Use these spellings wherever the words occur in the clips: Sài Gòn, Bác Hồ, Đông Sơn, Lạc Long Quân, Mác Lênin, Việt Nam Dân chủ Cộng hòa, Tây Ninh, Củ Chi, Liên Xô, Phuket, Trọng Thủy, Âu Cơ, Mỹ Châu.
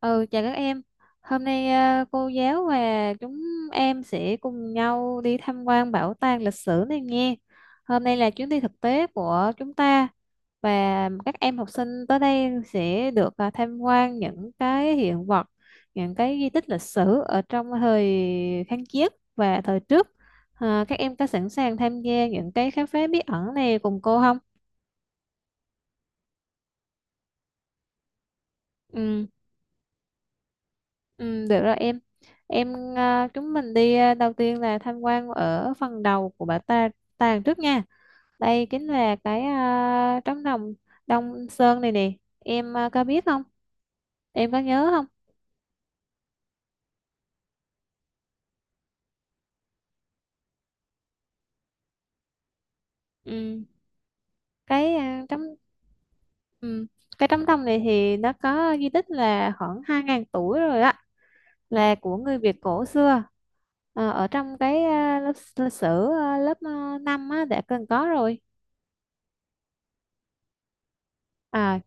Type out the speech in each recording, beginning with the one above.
Ừ, chào các em. Hôm nay cô giáo và chúng em sẽ cùng nhau đi tham quan bảo tàng lịch sử này nghe. Hôm nay là chuyến đi thực tế của chúng ta và các em học sinh tới đây sẽ được tham quan những cái hiện vật, những cái di tích lịch sử ở trong thời kháng chiến và thời trước. À, các em có sẵn sàng tham gia những cái khám phá bí ẩn này cùng cô không? Ừ. Ừ, được rồi em chúng mình đi, đầu tiên là tham quan ở phần đầu của bảo tàng trước nha. Đây chính là cái trống đồng Đông Sơn này nè, em có biết không, em có nhớ không? Ừ. cái à, trống ừ. Cái trống đồng này thì nó có di tích là khoảng hai ngàn tuổi rồi á, là của người Việt cổ xưa. Ờ, ở trong cái lớp lịch sử, lớp 5 á đã cần có rồi, à.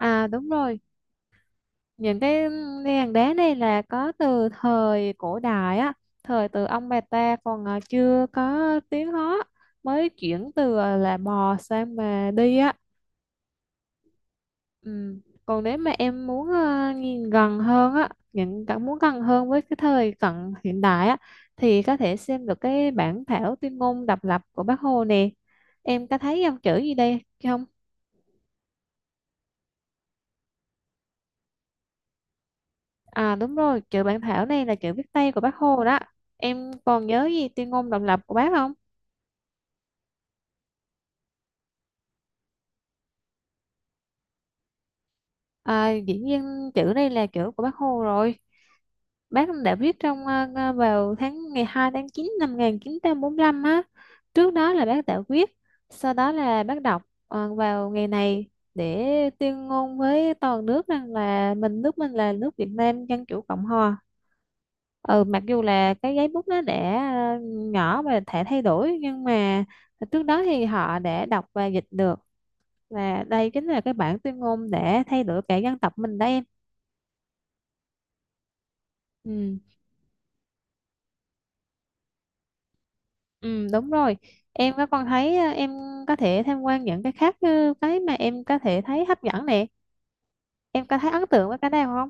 À, đúng rồi, những cái ly hàng đá này là có từ thời cổ đại á, thời từ ông bà ta còn chưa có tiếng Hán, mới chuyển từ là bò sang mà đi á. Ừ. Còn nếu mà em muốn nhìn gần hơn á, những cảm muốn gần hơn với cái thời cận hiện đại á, thì có thể xem được cái bản thảo tuyên ngôn độc lập của Bác Hồ nè. Em có thấy dòng chữ gì đây không? À đúng rồi, chữ bản thảo này là chữ viết tay của Bác Hồ đó. Em còn nhớ gì tuyên ngôn độc lập của Bác không? À, dĩ nhiên chữ này là chữ của Bác Hồ rồi. Bác đã viết trong vào tháng ngày 2 tháng 9 năm 1945 á. Trước đó là bác đã viết, sau đó là bác đọc vào ngày này để tuyên ngôn với toàn nước rằng là mình, nước mình là nước Việt Nam Dân chủ Cộng hòa. Ừ, mặc dù là cái giấy bút nó đã nhỏ và thể thay đổi nhưng mà trước đó thì họ đã đọc và dịch được, và đây chính là cái bản tuyên ngôn để thay đổi cả dân tộc mình đó em. Ừ. Ừ, đúng rồi. Em có con thấy em có thể tham quan những cái khác như cái mà em có thể thấy hấp dẫn nè. Em có thấy ấn tượng với cái nào không?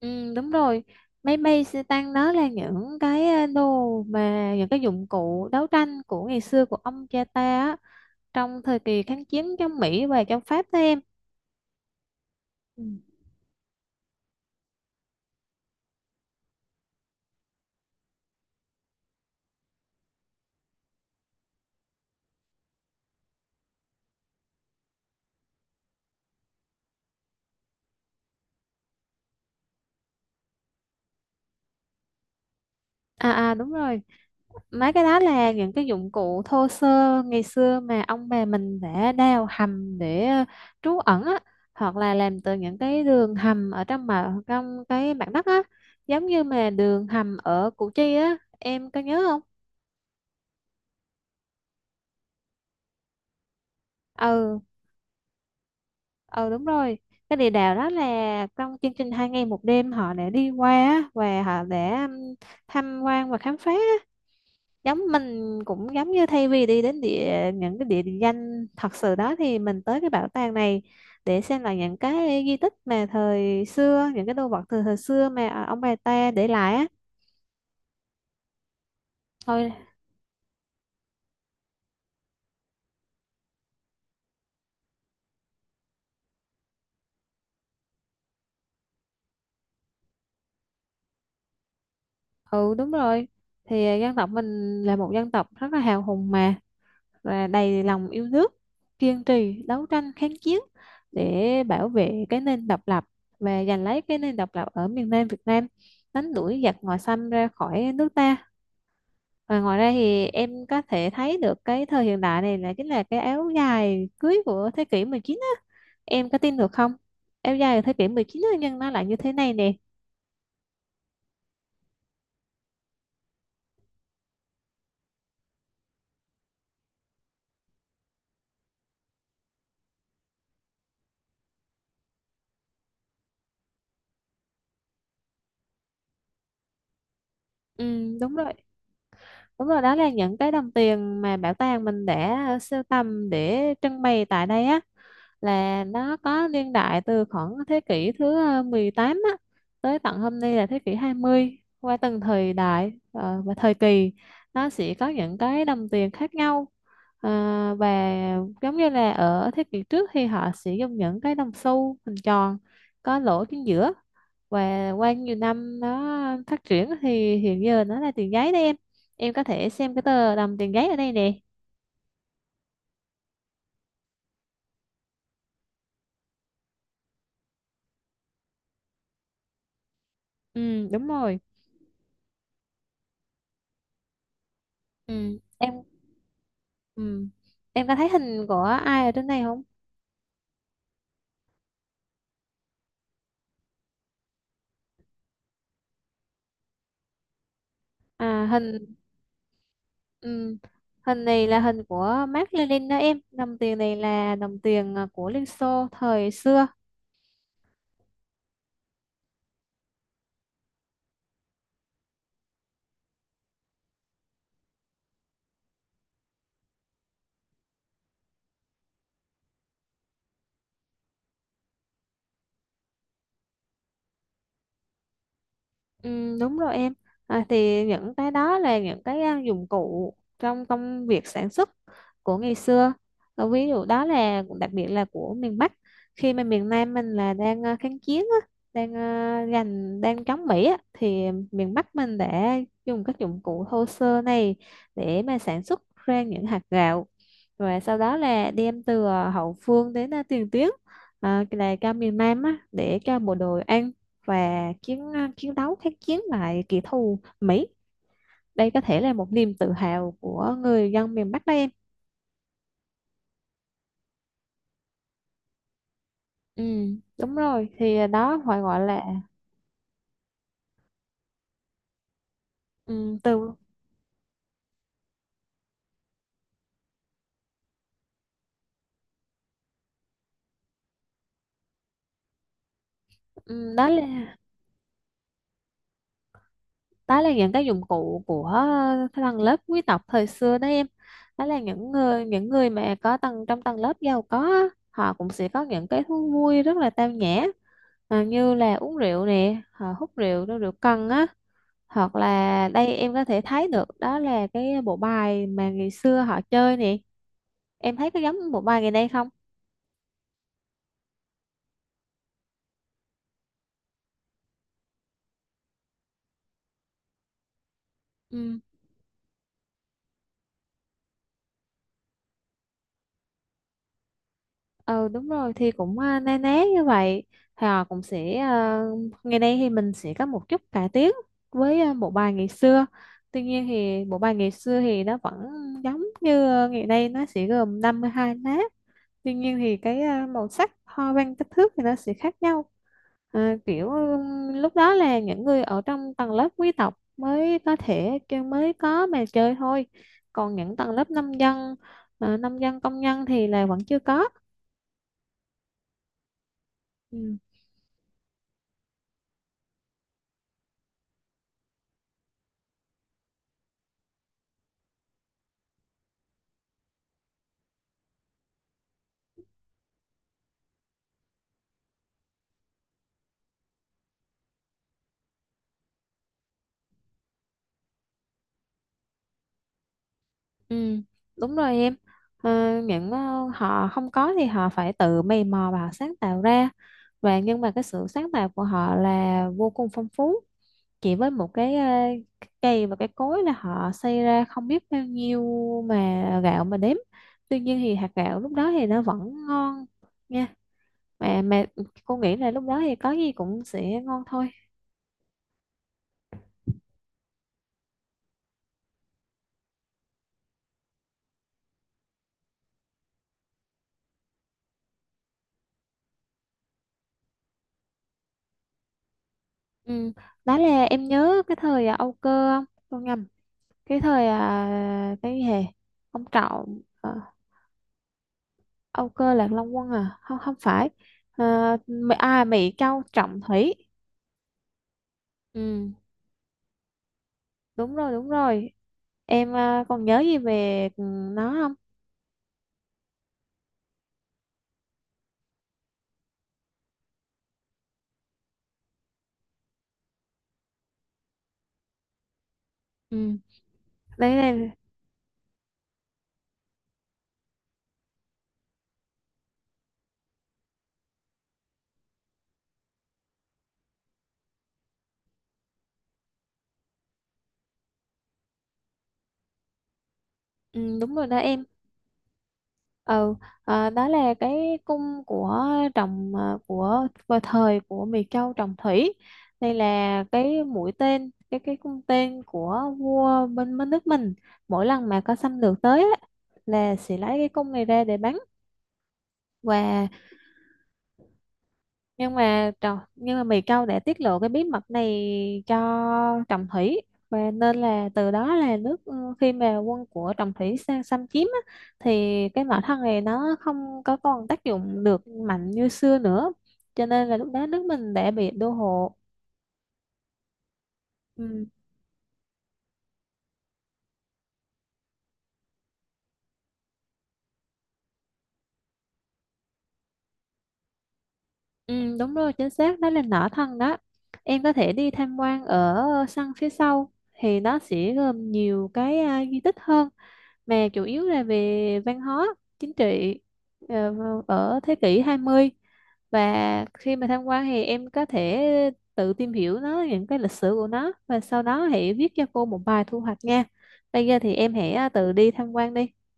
Ừ, đúng rồi. Máy bay xe tăng đó là những cái đồ mà những cái dụng cụ đấu tranh của ngày xưa của ông cha ta á, trong thời kỳ kháng chiến chống Mỹ và chống Pháp đó em. Ừ. À à đúng rồi, mấy cái đó là những cái dụng cụ thô sơ ngày xưa mà ông bà mình đã đào hầm để trú ẩn á, hoặc là làm từ những cái đường hầm ở trong mà trong cái mặt đất á, giống như mà đường hầm ở Củ Chi á, em có nhớ không? Ừ, ừ đúng rồi, cái địa đạo đó là trong chương trình hai ngày một đêm họ đã đi qua á, và họ đã tham quan và khám phá á. Giống mình cũng giống như thay vì đi đến địa, những cái địa danh thật sự đó thì mình tới cái bảo tàng này để xem là những cái di tích mà thời xưa, những cái đồ vật từ thời xưa mà ông bà ta để lại á thôi. Ừ đúng rồi, thì dân tộc mình là một dân tộc rất là hào hùng mà, và đầy lòng yêu nước, kiên trì đấu tranh kháng chiến để bảo vệ cái nền độc lập và giành lấy cái nền độc lập ở miền Nam Việt Nam, đánh đuổi giặc ngoại xâm ra khỏi nước ta. Ờ, ngoài ra thì em có thể thấy được cái thời hiện đại này là chính là cái áo dài cưới của thế kỷ 19 á. Em có tin được không? Áo dài của thế kỷ 19 á, nhưng nó lại như thế này nè. Ừ, đúng rồi. Đúng rồi, đó là những cái đồng tiền mà bảo tàng mình đã sưu tầm để trưng bày tại đây á, là nó có niên đại từ khoảng thế kỷ thứ 18 á, tới tận hôm nay là thế kỷ hai mươi, qua từng thời đại và thời kỳ nó sẽ có những cái đồng tiền khác nhau. Ờ, và giống như là ở thế kỷ trước thì họ sử dụng những cái đồng xu hình tròn có lỗ chính giữa, và qua nhiều năm nó phát triển thì hiện giờ nó là tiền giấy đấy em. Em có thể xem cái tờ đồng tiền giấy ở đây nè. Ừ đúng rồi. Ừ em. Ừ, em có thấy hình của ai ở trên này không? à hình ừ, Hình này là hình của Mác Lênin đó em, đồng tiền này là đồng tiền của Liên Xô thời xưa. Ừ, đúng rồi em, thì những cái đó là những cái dụng cụ trong công việc sản xuất của ngày xưa, ví dụ đó là đặc biệt là của miền Bắc, khi mà miền Nam mình là đang kháng chiến á, đang giành, đang chống Mỹ á, thì miền Bắc mình đã dùng các dụng cụ thô sơ này để mà sản xuất ra những hạt gạo, và sau đó là đem từ hậu phương đến tiền tuyến, là cho miền Nam á, để cho bộ đội ăn và chiến chiến đấu kháng chiến lại kẻ thù Mỹ. Đây có thể là một niềm tự hào của người dân miền Bắc đó em. Ừ, đúng rồi. Thì đó phải gọi là ừ, từ ừ, đó là, đó là những cái dụng cụ của tầng lớp quý tộc thời xưa đó em. Đó là những người, những người mà có tầng trong tầng lớp giàu có á, họ cũng sẽ có những cái thú vui rất là tao nhã. À, như là uống rượu nè, họ hút rượu, rượu cần á, hoặc là đây em có thể thấy được đó là cái bộ bài mà ngày xưa họ chơi nè. Em thấy có giống bộ bài ngày nay không? Ừ, ừ đúng rồi, thì cũng na ná như vậy. Họ cũng sẽ, ngày nay thì mình sẽ có một chút cải tiến với bộ bài ngày xưa, tuy nhiên thì bộ bài ngày xưa thì nó vẫn giống như ngày nay, nó sẽ gồm 52 lá. Tuy nhiên thì cái màu sắc, hoa văn, kích thước thì nó sẽ khác nhau. À, kiểu lúc đó là những người ở trong tầng lớp quý tộc mới có thể kêu- mới có mà chơi thôi. Còn những tầng lớp nông dân, nông dân công nhân thì là vẫn chưa có. Ừ, ừ, đúng rồi em. À, những họ không có thì họ phải tự mày mò và họ sáng tạo ra. Và nhưng mà cái sự sáng tạo của họ là vô cùng phong phú. Chỉ với một cái cái cây và cái cối là họ xây ra không biết bao nhiêu mà gạo mà đếm, tuy nhiên thì hạt gạo lúc đó thì nó vẫn ngon nha, mà cô nghĩ là lúc đó thì có gì cũng sẽ ngon thôi. Ừ. Đó là em nhớ cái thời Âu Cơ không? Tôi nhầm, cái thời cái gì hè, ông Trọng Âu Cơ Lạc Long Quân à, không không phải, Mỹ Châu Trọng Thủy. Ừ. Đúng rồi, đúng rồi. Em còn nhớ gì về nó không? Ừ, đấy là, ừ, đúng rồi đó em. Ừ, đó là cái cung của trồng, của vào thời của Miệt Châu Trọng Thủy. Đây là cái mũi tên, cái cung tên của vua bên, bên nước mình. Mỗi lần mà có xâm lược tới á, là sẽ lấy cái cung này ra để bắn. Và nhưng mà Mỹ Châu đã tiết lộ cái bí mật này cho Trọng Thủy, và nên là từ đó là nước, khi mà quân của Trọng Thủy sang xâm chiếm á, thì cái mỏ than này nó không có còn tác dụng được mạnh như xưa nữa, cho nên là lúc đó nước mình đã bị đô hộ. ừ, ừ, Đúng rồi, chính xác đó là nỏ thân đó. Em có thể đi tham quan ở sân phía sau thì nó sẽ gồm nhiều cái di tích hơn, mà chủ yếu là về văn hóa, chính trị ờ, ở thế kỷ hai mươi. Và khi mà tham quan thì em có thể tự tìm hiểu nó, những cái lịch sử của nó, và sau đó hãy viết cho cô một bài thu hoạch nha. Bây giờ thì em hãy tự đi tham quan đi.